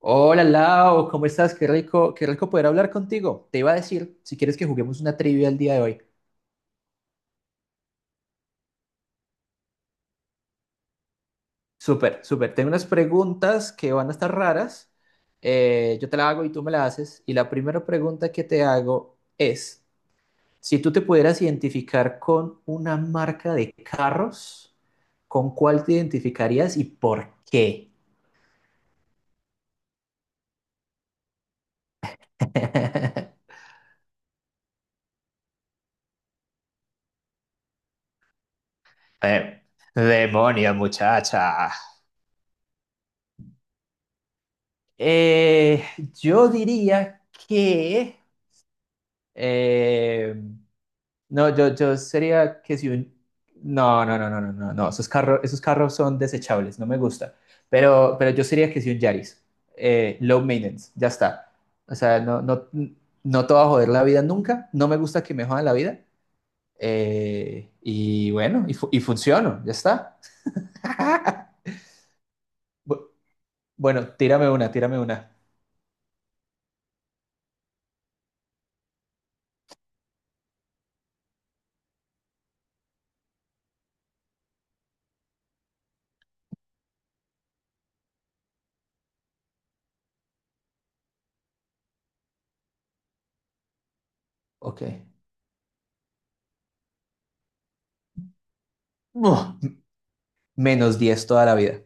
Hola Lau, ¿cómo estás? Qué rico poder hablar contigo. Te iba a decir, si quieres que juguemos una trivia el día de hoy. Súper, súper. Tengo unas preguntas que van a estar raras. Yo te la hago y tú me la haces. Y la primera pregunta que te hago es, si tú te pudieras identificar con una marca de carros, ¿con cuál te identificarías y por qué? Eh, Demonio, muchacha. Eh, yo diría que... Eh, no, yo sería que si un... No, no, no, no, no, no, no. Esos carros son desechables, no me gusta. Pero yo sería que si un Yaris. Low maintenance, ya está. O sea, no, no, no te va a joder la vida nunca. No me gusta que me jodan la vida. Y bueno, y funciono, ya está. Bu- bueno, tírame una, tírame una. Ok. Uf, -10 toda la vida.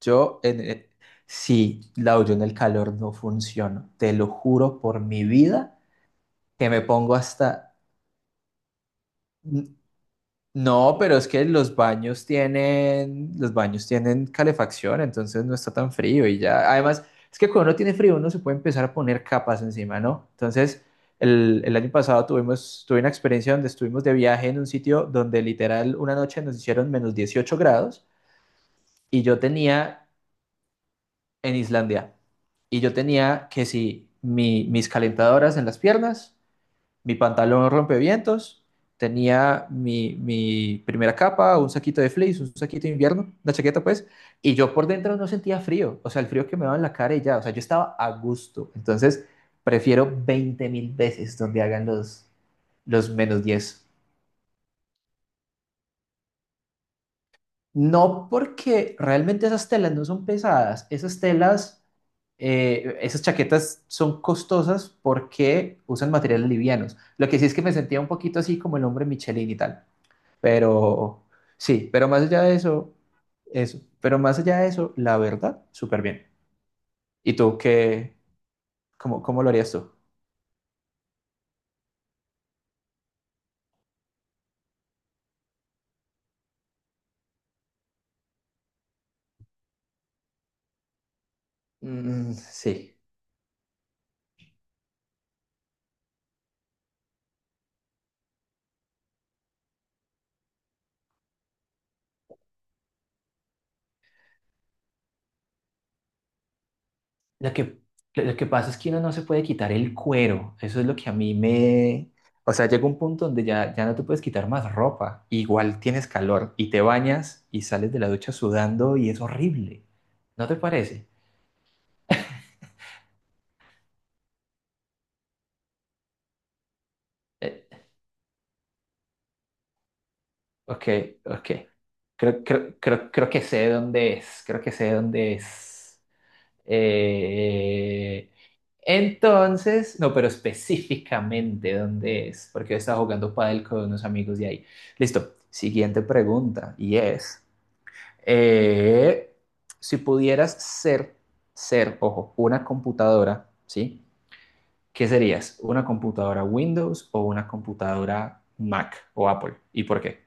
Yo, en, eh, sí, Lau, yo en el calor no funciono. Te lo juro por mi vida que me pongo hasta... N- No, pero es que los baños tienen calefacción, entonces no está tan frío y ya. Además, es que cuando uno tiene frío, uno se puede empezar a poner capas encima, ¿no? Entonces, el año pasado tuve una experiencia donde estuvimos de viaje en un sitio donde literal una noche nos hicieron -18 grados y yo tenía en Islandia. Y yo tenía que si mis calentadoras en las piernas, mi pantalón rompevientos, tenía mi primera capa, un saquito de fleece, un saquito de invierno, una chaqueta pues, y yo por dentro no sentía frío, o sea, el frío que me daba en la cara y ya, o sea, yo estaba a gusto. Entonces, prefiero 20.000 veces donde hagan los -10. No, porque realmente esas telas no son pesadas, esas chaquetas son costosas porque usan materiales livianos. Lo que sí es que me sentía un poquito así como el hombre Michelin y tal, pero sí, pero más allá de eso, pero más allá de eso, la verdad, súper bien. ¿Y tú qué, cómo lo harías tú? Mm, sí. Lo que, lo que pasa es que uno no se puede quitar el cuero. Eso es lo que a mí me... O sea, llega un punto donde ya no te puedes quitar más ropa. Igual tienes calor y te bañas y sales de la ducha sudando y es horrible. ¿No te parece? Eh, ok, ok. Creo que sé dónde es. Creo que sé dónde es. Eh, entonces, no, pero específicamente dónde es, porque yo estaba jugando pádel con unos amigos de ahí. Listo, siguiente pregunta, y es, eh, si pudieras ser, ser, ojo, una computadora, ¿sí? ¿Qué serías? ¿Una computadora Windows o una computadora Mac o Apple? ¿Y por qué?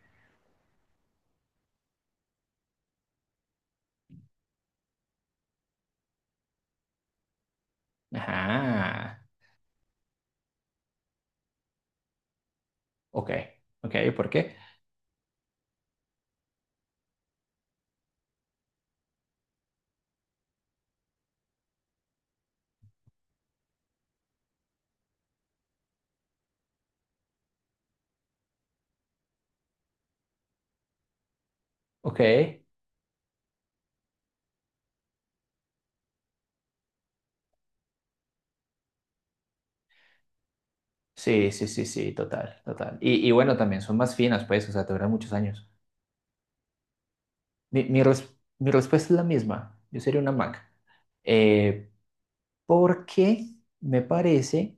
Ajá, ok, ok, ¿por qué? Ok. Sí, sí, sí, sí, total, total. Y bueno, también son más finas, pues, o sea, te duran muchos años. Mi respuesta es la misma. Yo sería una Mac. Eh, Porque me parece,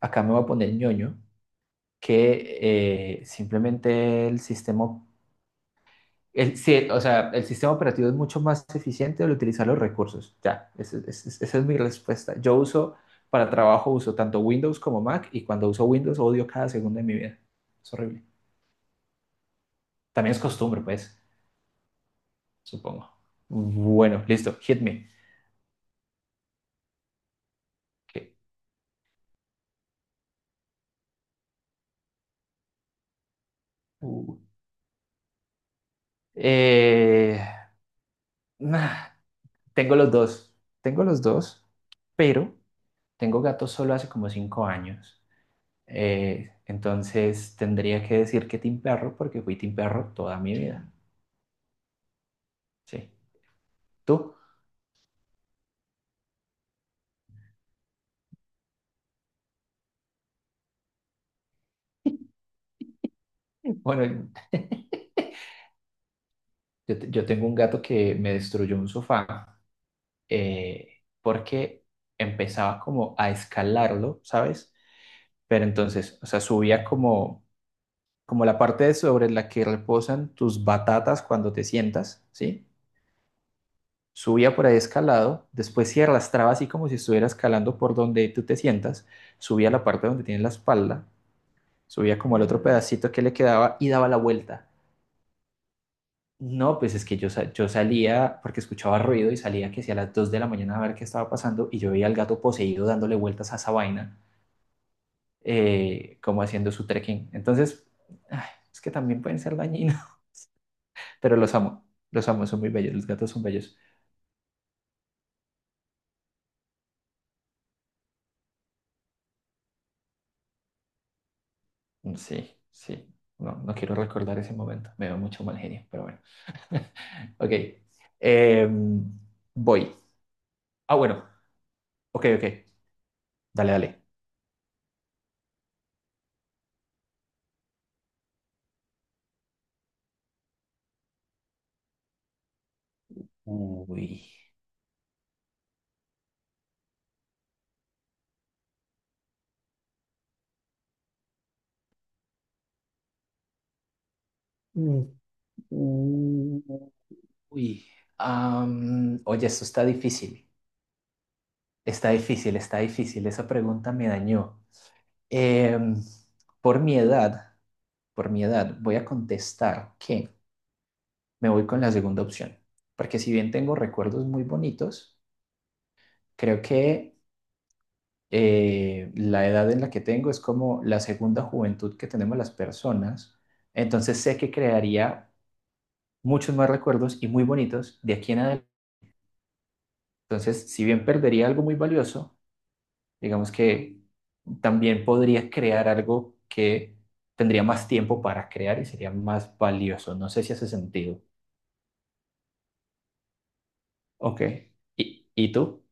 acá me voy a poner ñoño, que simplemente el sistema, el, sí, o sea, el sistema operativo es mucho más eficiente al utilizar los recursos. Ya, esa esa es mi respuesta. Para trabajo uso tanto Windows como Mac y cuando uso Windows odio cada segundo de mi vida. Es horrible. También es costumbre, pues, supongo. Bueno, listo, hit me. Ok. Uh, Eh, nah, tengo los dos, pero tengo gatos solo hace como 5 años. Entonces tendría que decir que team perro porque fui team perro toda mi vida. Sí. ¿Tú? Bueno, yo tengo un gato que me destruyó un sofá porque empezaba como a escalarlo, ¿sabes? Pero entonces, o sea, subía como la parte sobre la que reposan tus batatas cuando te sientas, ¿sí? Subía por ahí escalado, después se arrastraba así como si estuviera escalando por donde tú te sientas, subía la parte donde tienes la espalda, subía como el otro pedacito que le quedaba y daba la vuelta. No, pues es que yo salía porque escuchaba ruido y salía que si a las 2 de la mañana a ver qué estaba pasando y yo veía al gato poseído dándole vueltas a esa vaina, como haciendo su trekking. Entonces, ay, es que también pueden ser dañinos. Pero los amo, son muy bellos, los gatos son bellos. Mm, sí, sí, no, no quiero recordar ese momento, me veo mucho mal genio, pero bueno. Ok. Em, Voy. Ah, bueno, ok, ok, dale, dale. Uy. Mm, uy. Oye, esto está difícil, está difícil, está difícil, esa pregunta me dañó. Em, por mi edad, por mi edad, voy a contestar que... me voy con la segunda opción, porque si bien tengo recuerdos muy bonitos, creo que la edad en la que tengo es como la segunda juventud que tenemos las personas, entonces sé que crearía muchos más recuerdos y muy bonitos de aquí en adelante. Entonces, si bien perdería algo muy valioso, digamos que también podría crear algo que tendría más tiempo para crear y sería más valioso. No sé si hace sentido. Ok. ¿Y tú?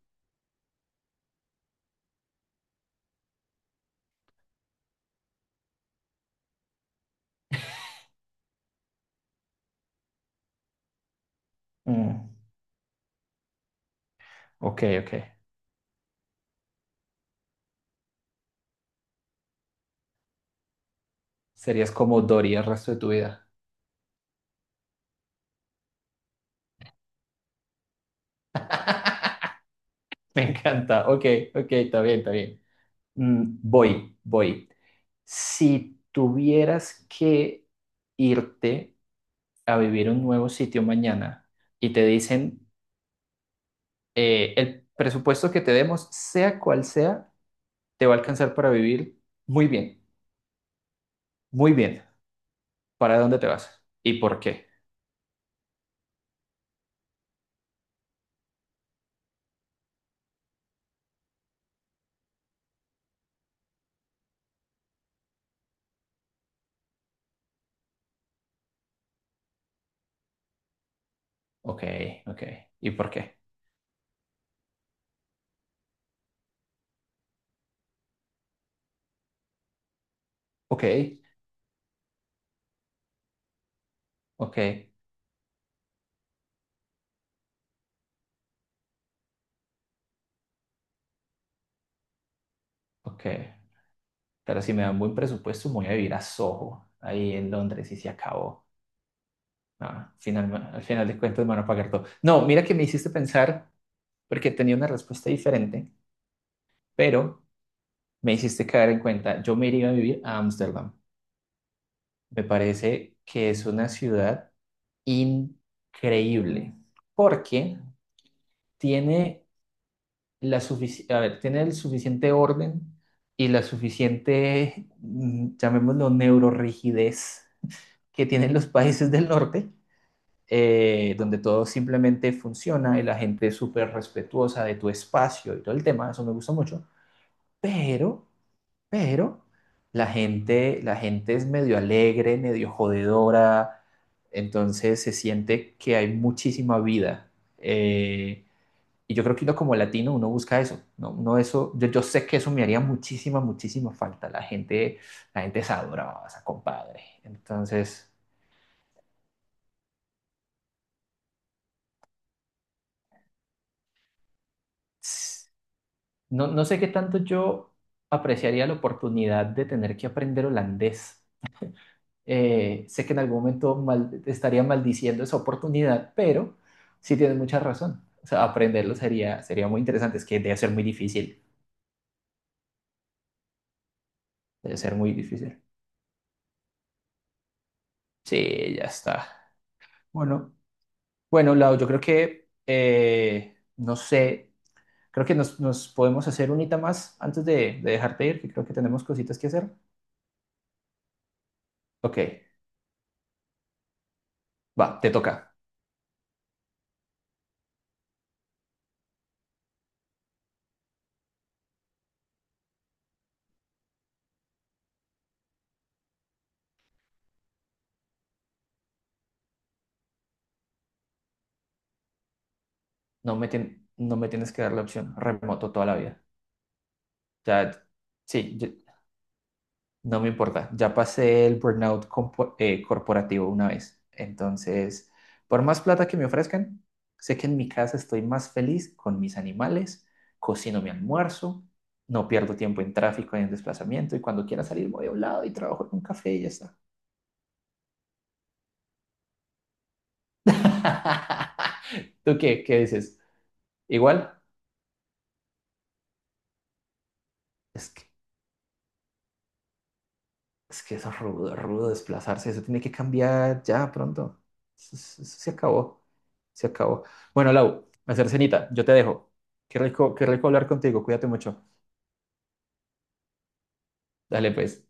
Mm, ok, ok. Serías como Dory el resto de tu vida. Me encanta. Ok, ok, está bien, está bien. Mm, voy, voy. Si tuvieras que irte a vivir a un nuevo sitio mañana y te dicen el presupuesto que te demos, sea cual sea, te va a alcanzar para vivir muy bien, muy bien. ¿Para dónde te vas? ¿Y por qué? Ok, ok. ¿Y por qué? Ok, ok, ok. Pero si me dan buen presupuesto, me voy a vivir a Soho, ahí en Londres, y se acabó. Ah, al final de cuentas me van a pagar todo. No, mira que me hiciste pensar, porque tenía una respuesta diferente, pero me hiciste caer en cuenta. Yo me iría a vivir a Ámsterdam. Me parece que es una ciudad increíble, porque tiene a ver, tiene el suficiente orden y la suficiente, llamémoslo, neurorrigidez que tienen los países del norte, donde todo simplemente funciona y la gente es súper respetuosa de tu espacio y todo el tema, eso me gusta mucho, pero, pero la gente, es medio alegre, medio jodedora, entonces se siente que hay muchísima vida. eh, y yo creo que uno como latino, uno busca eso, no, no eso, yo sé que eso me haría muchísima, muchísima falta, la gente es sabrosa, compadre, entonces... No, no sé qué tanto yo apreciaría la oportunidad de tener que aprender holandés. Sé que en algún momento estaría maldiciendo esa oportunidad, pero sí tienes mucha razón. O sea, aprenderlo sería muy interesante. Es que debe ser muy difícil. Debe ser muy difícil. Sí, ya está. Bueno, bueno, Lau, yo creo que, no sé, creo que nos podemos hacer unita más antes de dejarte ir, que creo que tenemos cositas que hacer. Ok, va, te toca. No me tienes que dar la opción remoto toda la vida. Ya, sí, no me importa. Ya pasé el burnout corporativo una vez. Entonces, por más plata que me ofrezcan, sé que en mi casa estoy más feliz con mis animales, cocino mi almuerzo, no pierdo tiempo en tráfico y en desplazamiento y cuando quiera salir voy a un lado y trabajo en un café y ya está. ¿Tú qué? ¿Qué dices? Igual, es que Es que eso es rudo, rudo desplazarse, eso tiene que cambiar ya pronto. Eso se acabó, se acabó. Bueno, Lau, hacer cenita, yo te dejo. Qué rico hablar contigo, cuídate mucho. Dale pues.